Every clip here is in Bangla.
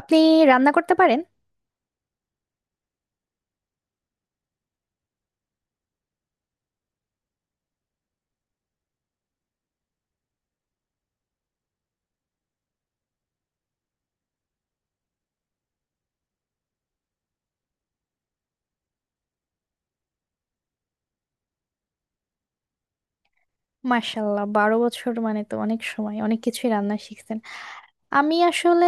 আপনি রান্না করতে পারেন? মাশাল্লাহ, 12 বছর মানে তো অনেক সময়, অনেক কিছুই রান্না শিখছেন। আমি আসলে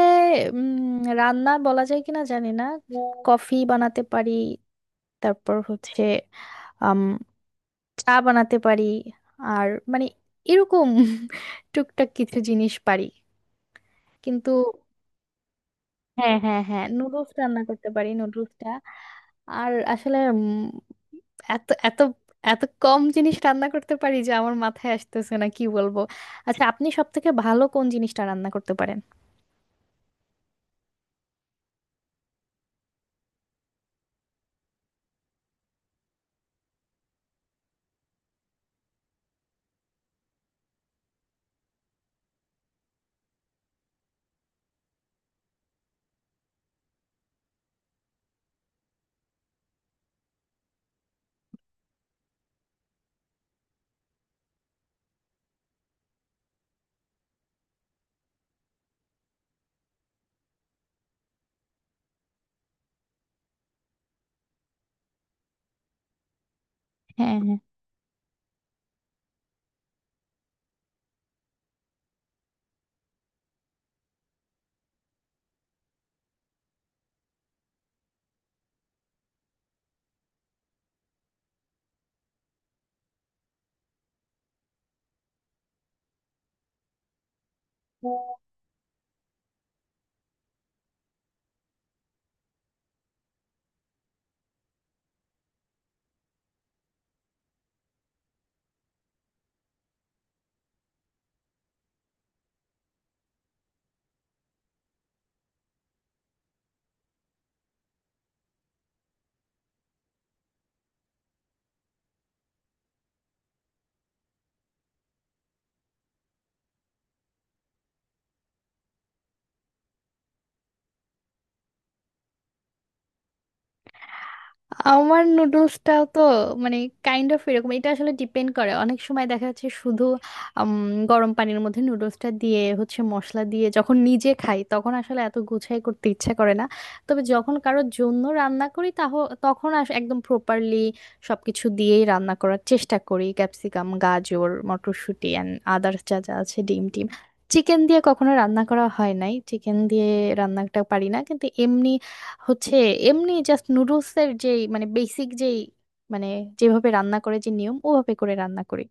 রান্না বলা যায় কিনা জানি না। কফি বানাতে পারি, তারপর হচ্ছে আম, চা বানাতে পারি। আর মানে এরকম টুকটাক কিছু জিনিস পারি, কিন্তু হ্যাঁ হ্যাঁ হ্যাঁ, নুডলস রান্না করতে পারি, নুডলসটা। আর আসলে এত এত এত কম জিনিস রান্না করতে পারি যে আমার মাথায় আসতেছে না কি বলবো। আচ্ছা, আপনি সব থেকে ভালো কোন জিনিসটা রান্না করতে পারেন? হ্যাঁ হ্যাঁ। আমার নুডলসটাও তো মানে কাইন্ড অফ এরকম। এটা আসলে ডিপেন্ড করে, অনেক সময় দেখা যাচ্ছে শুধু গরম পানির মধ্যে নুডলসটা দিয়ে হচ্ছে মশলা দিয়ে, যখন নিজে খাই তখন আসলে এত গুছাই করতে ইচ্ছা করে না। তবে যখন কারোর জন্য রান্না করি তখন একদম প্রপারলি সবকিছু দিয়েই রান্না করার চেষ্টা করি। ক্যাপসিকাম, গাজর, মটরশুঁটি অ্যান্ড আদার্স, যা যা আছে, ডিম টিম। চিকেন দিয়ে কখনো রান্না করা হয় নাই, চিকেন দিয়ে রান্নাটা পারি না। কিন্তু এমনি হচ্ছে এমনি জাস্ট নুডলস এর যে মানে বেসিক যেই মানে যেভাবে রান্না করে, যে নিয়ম, ওভাবে করে রান্না করি।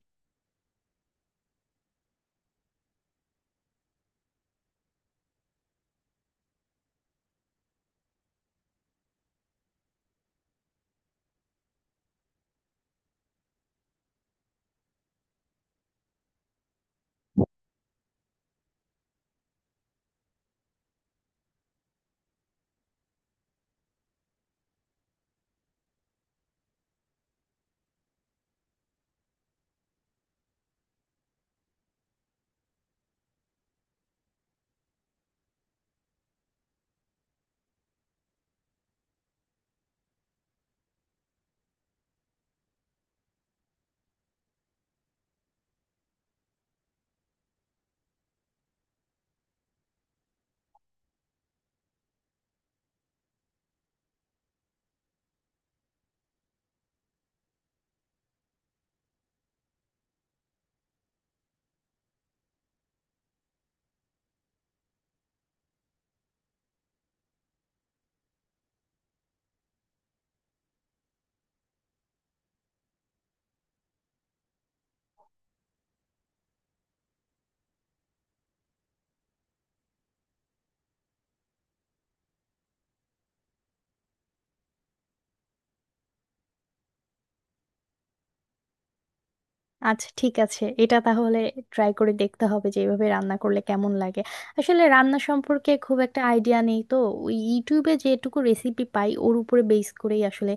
আচ্ছা ঠিক আছে, এটা তাহলে ট্রাই করে দেখতে হবে যে এইভাবে রান্না করলে কেমন লাগে। আসলে রান্না সম্পর্কে খুব একটা আইডিয়া নেই তো, ওই ইউটিউবে যেটুকু রেসিপি পাই ওর উপরে বেস করেই আসলে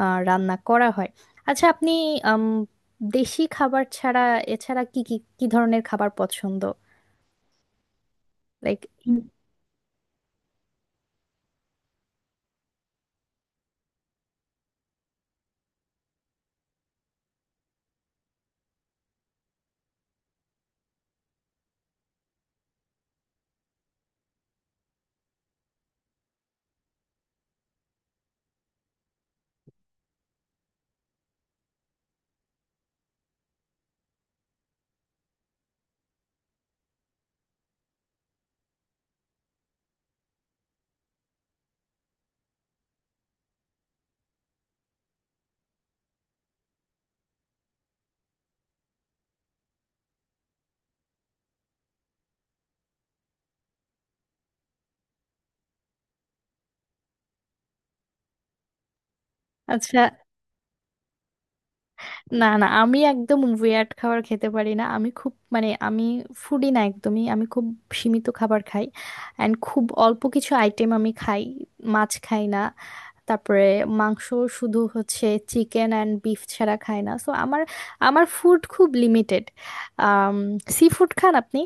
রান্না করা হয়। আচ্ছা আপনি আম, দেশি খাবার ছাড়া এছাড়া কি কি কি ধরনের খাবার পছন্দ? লাইক? আচ্ছা, না না, আমি একদম ওয়ার্ড খাবার খেতে পারি না। আমি খুব মানে, আমি ফুডি না একদমই। আমি খুব সীমিত খাবার খাই অ্যান্ড খুব অল্প কিছু আইটেম আমি খাই। মাছ খাই না, তারপরে মাংস শুধু হচ্ছে চিকেন অ্যান্ড বিফ, ছাড়া খাই না। সো আমার, আমার ফুড খুব লিমিটেড। সি ফুড খান আপনি?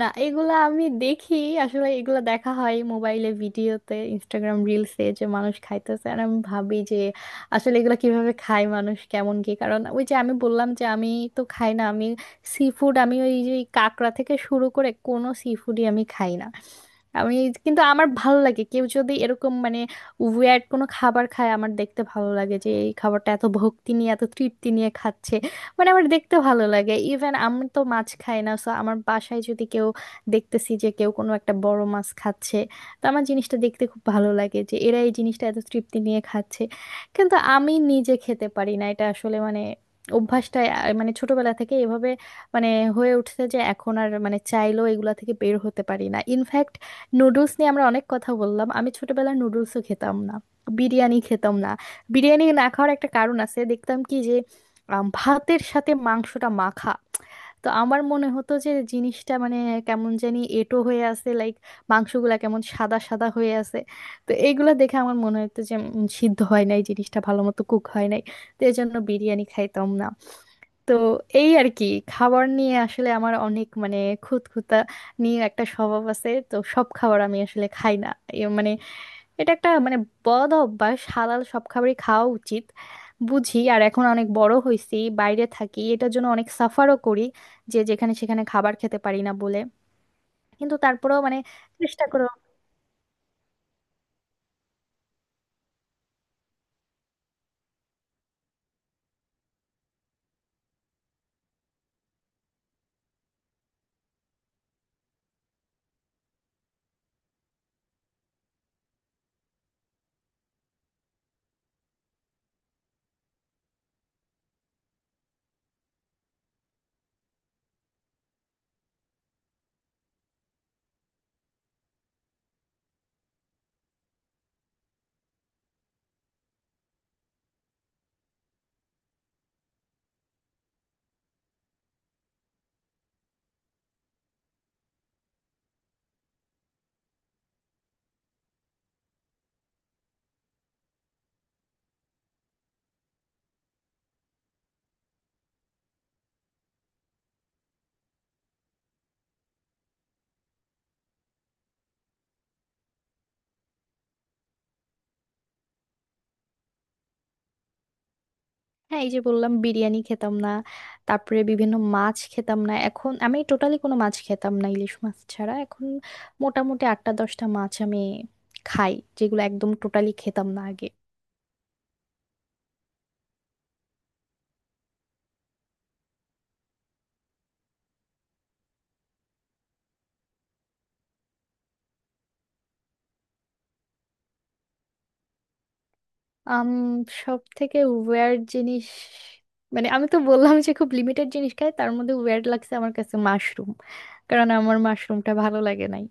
না, এগুলা আমি দেখি। আসলে এগুলা দেখা হয় মোবাইলে, ভিডিওতে, ইনস্টাগ্রাম রিলসে যে মানুষ খাইতেছে আর আমি ভাবি যে আসলে এগুলা কিভাবে খায় মানুষ, কেমন কি। কারণ ওই যে আমি বললাম যে আমি তো খাই না আমি সি ফুড। আমি ওই যে কাঁকড়া থেকে শুরু করে কোনো সি ফুডই আমি খাই না। আমি কিন্তু আমার ভালো লাগে কেউ যদি এরকম মানে ওয়ার্ড কোনো খাবার খায়, আমার দেখতে ভালো লাগে যে এই খাবারটা এত ভক্তি নিয়ে, এত তৃপ্তি নিয়ে খাচ্ছে। মানে আমার দেখতে ভালো লাগে। ইভেন আমি তো মাছ খাই না, সো আমার বাসায় যদি কেউ, দেখতেছি যে কেউ কোনো একটা বড় মাছ খাচ্ছে, তো আমার জিনিসটা দেখতে খুব ভালো লাগে যে এরা এই জিনিসটা এত তৃপ্তি নিয়ে খাচ্ছে। কিন্তু আমি নিজে খেতে পারি না। এটা আসলে মানে অভ্যাসটা মানে ছোটবেলা থেকে এভাবে মানে হয়ে উঠছে যে এখন আর মানে চাইলেও এগুলা থেকে বের হতে পারি না। ইনফ্যাক্ট নুডলস নিয়ে আমরা অনেক কথা বললাম, আমি ছোটবেলায় নুডলসও খেতাম না, বিরিয়ানি খেতাম না। বিরিয়ানি না খাওয়ার একটা কারণ আছে, দেখতাম কি যে ভাতের সাথে মাংসটা মাখা। তো আমার মনে হতো যে জিনিসটা মানে কেমন জানি এঁটো হয়ে আছে, লাইক মাংসগুলা কেমন সাদা সাদা হয়ে আছে। তো এইগুলা দেখে আমার মনে হতো যে সিদ্ধ হয় নাই জিনিসটা, ভালো মতো কুক হয় নাই। তো এই জন্য বিরিয়ানি খাইতাম না। তো এই আর কি, খাবার নিয়ে আসলে আমার অনেক মানে খুঁতখুঁতা নিয়ে একটা স্বভাব আছে, তো সব খাবার আমি আসলে খাই না। এ মানে এটা একটা মানে বদ অভ্যাস, হালাল সব খাবারই খাওয়া উচিত বুঝি। আর এখন অনেক বড় হয়েছি, বাইরে থাকি, এটার জন্য অনেক সাফারও করি যে যেখানে সেখানে খাবার খেতে পারি না বলে। কিন্তু তারপরেও মানে চেষ্টা করে। হ্যাঁ, এই যে বললাম বিরিয়ানি খেতাম না, তারপরে বিভিন্ন মাছ খেতাম না। এখন আমি টোটালি কোনো মাছ খেতাম না ইলিশ মাছ ছাড়া, এখন মোটামুটি 8-10টা মাছ আমি খাই, যেগুলো একদম টোটালি খেতাম না আগে। আম সব থেকে ওয়ার্ড জিনিস মানে আমি তো বললাম যে খুব লিমিটেড জিনিস খাই, তার মধ্যে ওয়ার্ড লাগছে আমার কাছে মাশরুম, কারণ আমার মাশরুমটা ভালো লাগে নাই।